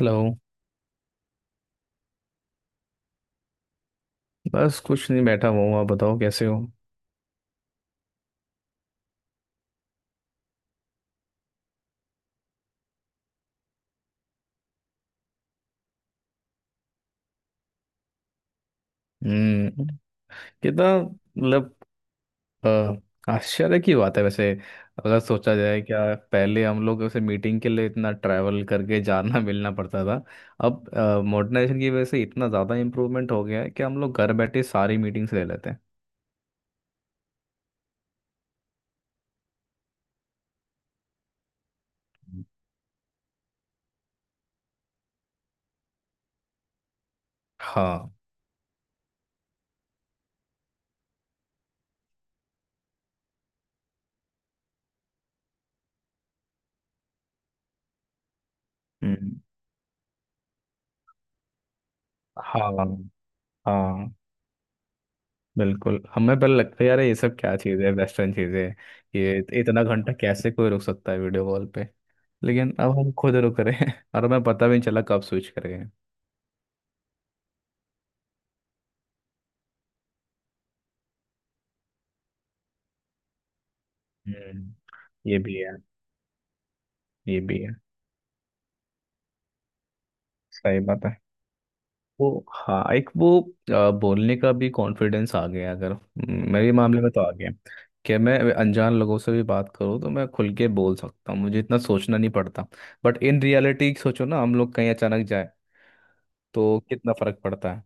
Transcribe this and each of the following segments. Hello. बस कुछ नहीं, बैठा हुआ हूँ। आप बताओ, कैसे हो? हम्म। कितना, मतलब अ, आश्चर्य की बात है वैसे, अगर सोचा जाए। क्या पहले हम लोग वैसे मीटिंग के लिए इतना ट्रैवल करके जाना मिलना पड़ता था। अब मॉडर्नाइजेशन की वजह से इतना ज़्यादा इम्प्रूवमेंट हो गया है कि हम लोग घर बैठे सारी मीटिंग्स ले लेते हैं। हाँ। हम्म, हाँ। हाँ, बिल्कुल। हमें पहले लगता है यार ये सब क्या चीज़ है, वेस्टर्न चीज़ है। ये इतना घंटा कैसे कोई रुक सकता है वीडियो कॉल। लेकिन अब हम खुद रुक रहे हैं और हमें पता भी नहीं चला कब स्विच कर गए। हम्म। ये भी है। ये भी है। सही बात है। वो, हाँ, एक वो, बोलने का भी कॉन्फिडेंस आ गया। अगर मेरे मामले में तो आ गया कि मैं अनजान लोगों से भी बात करूँ तो मैं खुल के बोल सकता हूँ, मुझे इतना सोचना नहीं पड़ता। बट इन रियलिटी सोचो ना, हम लोग कहीं अचानक जाए तो कितना फर्क पड़ता है।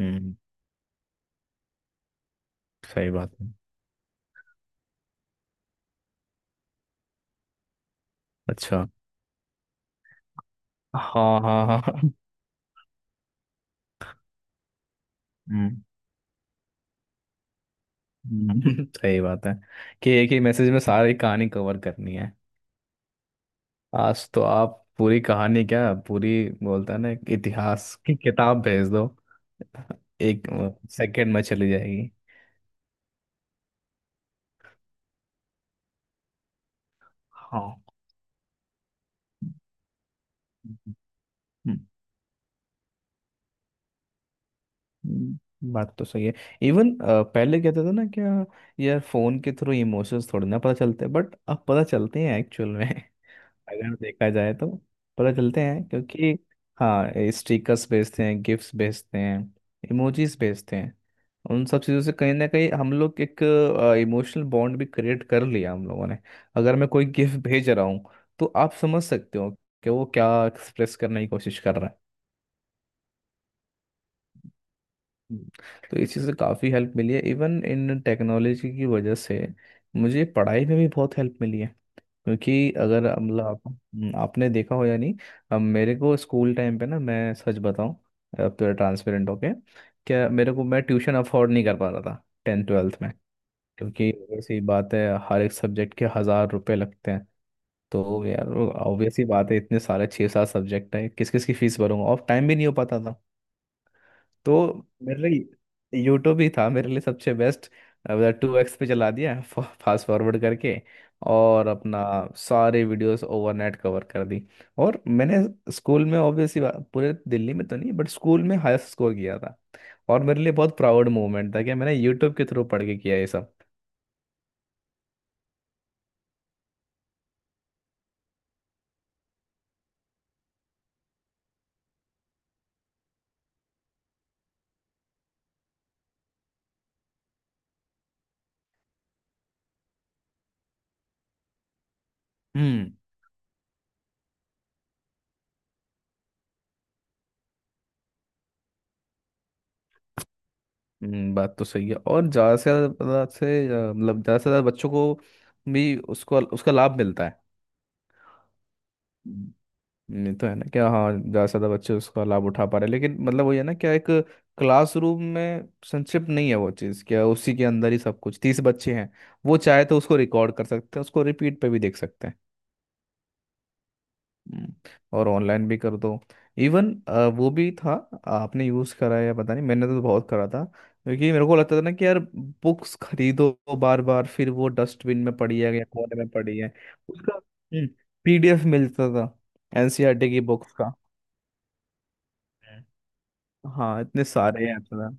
हम्म। सही बात है। अच्छा। हाँ, हाँ, हाँ। हम्म, हम्म। सही बात है कि एक ही मैसेज में सारी कहानी कवर करनी है। आज तो आप पूरी कहानी, क्या पूरी बोलता है ना, एक इतिहास की किताब भेज दो। एक सेकंड में चली जाएगी। हाँ। हम्म, बात तो सही है। इवन पहले कहते थे ना, क्या यार फोन के थ्रू इमोशंस थोड़ी ना पता चलते, बट अब पता चलते हैं एक्चुअल में, अगर देखा जाए तो। पता चलते हैं क्योंकि हाँ, स्टिकर्स भेजते हैं, गिफ्ट्स भेजते हैं, इमोजीज भेजते हैं। उन सब चीज़ों से कहीं ना कहीं हम लोग एक इमोशनल बॉन्ड भी क्रिएट कर लिया हम लोगों ने। अगर मैं कोई गिफ्ट भेज रहा हूँ तो आप समझ सकते हो कि वो क्या एक्सप्रेस करने की कोशिश कर रहा है। हम्म। तो इस चीज़ से काफ़ी हेल्प मिली है, इवन इन टेक्नोलॉजी की वजह से। मुझे पढ़ाई में भी बहुत हेल्प मिली है, क्योंकि अगर अब मतलब आप, आपने देखा हो या नहीं। अब मेरे को स्कूल टाइम पे ना, मैं सच बताऊं, अब पूरा ट्रांसपेरेंट होके, क्या मेरे को, मैं ट्यूशन अफोर्ड नहीं कर पा रहा था टेंथ ट्वेल्थ में। क्योंकि ऐसी बात है, हर एक सब्जेक्ट के 1000 रुपए लगते हैं। तो यार ऑब्वियस ही बात है, इतने सारे छः सात सब्जेक्ट है, किस किस की फीस भरूंगा, और टाइम भी नहीं हो पाता था। तो मेरे लिए यूट्यूब ही था, मेरे लिए सबसे बेस्ट। 2x पे चला दिया फास्ट फॉरवर्ड करके, और अपना सारे वीडियोस ओवरनाइट कवर कर दी। और मैंने स्कूल में ऑब्वियसली, पूरे दिल्ली में तो नहीं बट स्कूल में हाईएस्ट स्कोर किया था। और मेरे लिए बहुत प्राउड मोमेंट था कि मैंने यूट्यूब के थ्रू पढ़ के किया ये सब। हम्म, बात तो सही है। और मतलब ज़्यादा से ज़्यादा बच्चों को भी उसको उसका लाभ मिलता है। ये तो है ना क्या। हाँ, ज़्यादा से ज़्यादा बच्चे उसका लाभ उठा पा रहे हैं। लेकिन मतलब वही है ना क्या, एक क्लासरूम में संक्षिप्त नहीं है वो चीज़ क्या, उसी के अंदर ही सब कुछ 30 बच्चे हैं। वो चाहे तो उसको रिकॉर्ड कर सकते हैं, उसको रिपीट पे भी देख सकते हैं। हम्म। और ऑनलाइन भी कर दो। इवन वो भी था। आपने यूज़ करा है या पता नहीं, मैंने तो बहुत करा था, क्योंकि मेरे को लगता था ना कि यार बुक्स खरीदो, बार बार फिर वो डस्टबिन में पड़ी है या कोने में पड़ी है। उसका पीडीएफ मिलता था, एनसीईआरटी की बुक्स का। हम्म। हाँ, इतने सारे ऐप था।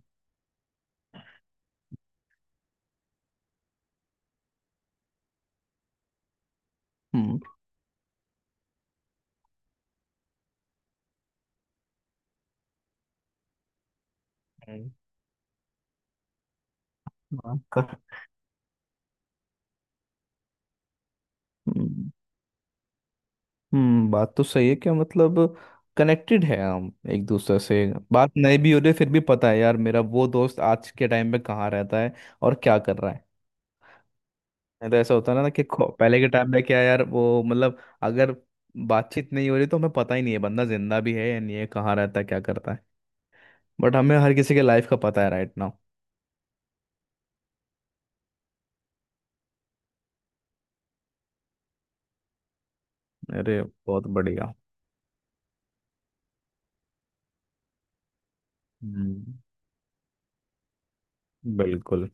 हम्म, हम्म। हाँ, हम्म। हम्म, बात तो सही है क्या, मतलब कनेक्टेड है हम एक दूसरे से। बात नहीं भी हो रही फिर भी पता है यार, मेरा वो दोस्त आज के टाइम पे कहाँ रहता है और क्या कर रहा है। नहीं तो ऐसा होता है ना कि पहले के टाइम पे क्या यार, वो मतलब, अगर बातचीत नहीं हो रही तो हमें पता ही नहीं है बंदा जिंदा भी है या नहीं है, कहाँ रहता है क्या करता है। बट हमें हर किसी के लाइफ का पता है राइट नाउ। अरे, बहुत बढ़िया। हम्म, बिल्कुल।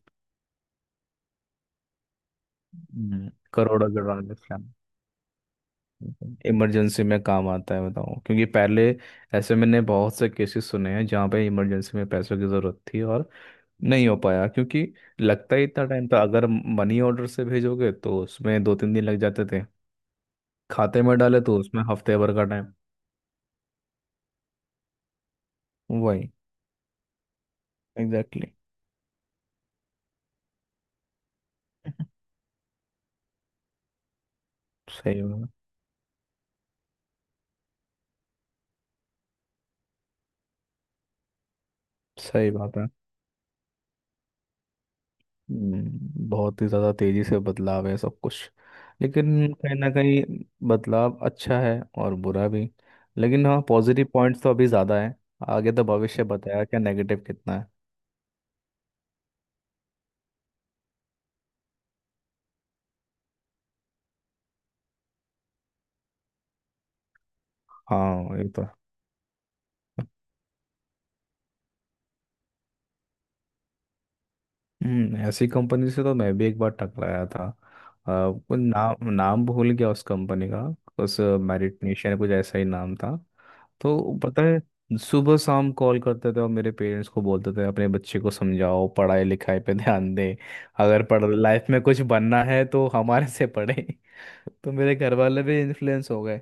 हम्म, करोड़ों करोड़। इमरजेंसी में काम आता है बताओ, क्योंकि पहले ऐसे मैंने बहुत से केसेस सुने हैं जहाँ पे इमरजेंसी में पैसों की ज़रूरत थी और नहीं हो पाया, क्योंकि लगता ही इतना टाइम था। अगर मनी ऑर्डर से भेजोगे तो उसमें 2-3 दिन लग जाते थे। खाते में डाले तो उसमें हफ्ते भर का टाइम। वही, एग्जैक्टली। exactly। सही बात सही बात है। बहुत ही ज़्यादा तेज़ी से बदलाव है सब कुछ। लेकिन कहीं ना कहीं, बदलाव अच्छा है और बुरा भी। लेकिन हाँ, पॉजिटिव पॉइंट्स तो अभी ज़्यादा है। आगे तो भविष्य बताया क्या नेगेटिव कितना है। हाँ, ये तो है। हम्म, ऐसी कंपनी से तो मैं भी एक बार टकराया था। नाम नाम भूल गया उस कंपनी का। उस मेरिट नेशन, कुछ ऐसा ही नाम था। तो पता है सुबह शाम कॉल करते थे और मेरे पेरेंट्स को बोलते थे अपने बच्चे को समझाओ, पढ़ाई लिखाई पे ध्यान दें। अगर पढ़ लाइफ में कुछ बनना है तो हमारे से पढ़े। तो मेरे घर वाले भी इन्फ्लुएंस हो गए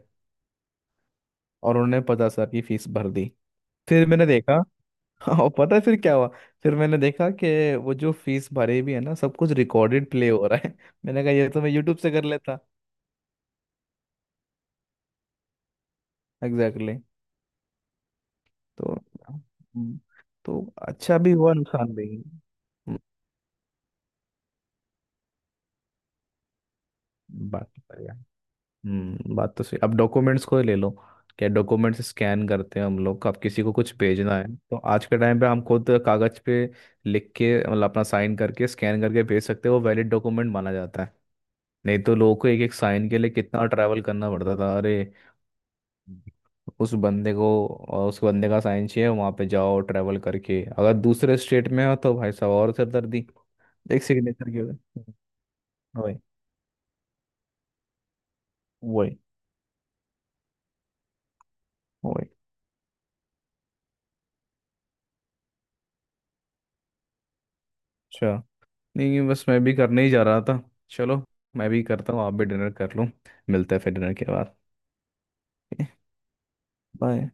और उन्होंने 50,000 की फीस भर दी। फिर मैंने देखा। और पता है फिर क्या हुआ। फिर मैंने देखा कि वो जो फीस भरी भी है ना, सब कुछ रिकॉर्डेड प्ले हो रहा है। मैंने कहा ये तो मैं यूट्यूब से कर लेता। Exactly, exactly। तो हम्म, तो अच्छा भी हुआ, नुकसान भी। हम्म, बात बात तो सही। अब डॉक्यूमेंट्स को ही ले लो, क्या डॉक्यूमेंट्स स्कैन करते हैं हम लोग। अब किसी को कुछ भेजना है तो आज के टाइम पे हम खुद कागज पे लिख के, मतलब अपना साइन करके स्कैन करके भेज सकते हैं, वो वैलिड डॉक्यूमेंट माना जाता है। नहीं तो लोगों को एक एक साइन के लिए कितना ट्रैवल करना पड़ता था, अरे। उस बंदे को और उस बंदे का साइन चाहिए, वहाँ पे जाओ ट्रैवल करके, अगर दूसरे स्टेट में हो तो भाई साहब और सिरदर्दी। एक सिग्नेचर के लिए। वही। वही। वही। अच्छा। नहीं, बस मैं भी करने ही जा रहा था। चलो, मैं भी करता हूँ, आप भी डिनर कर लो। मिलते हैं फिर डिनर के बाद। बाय।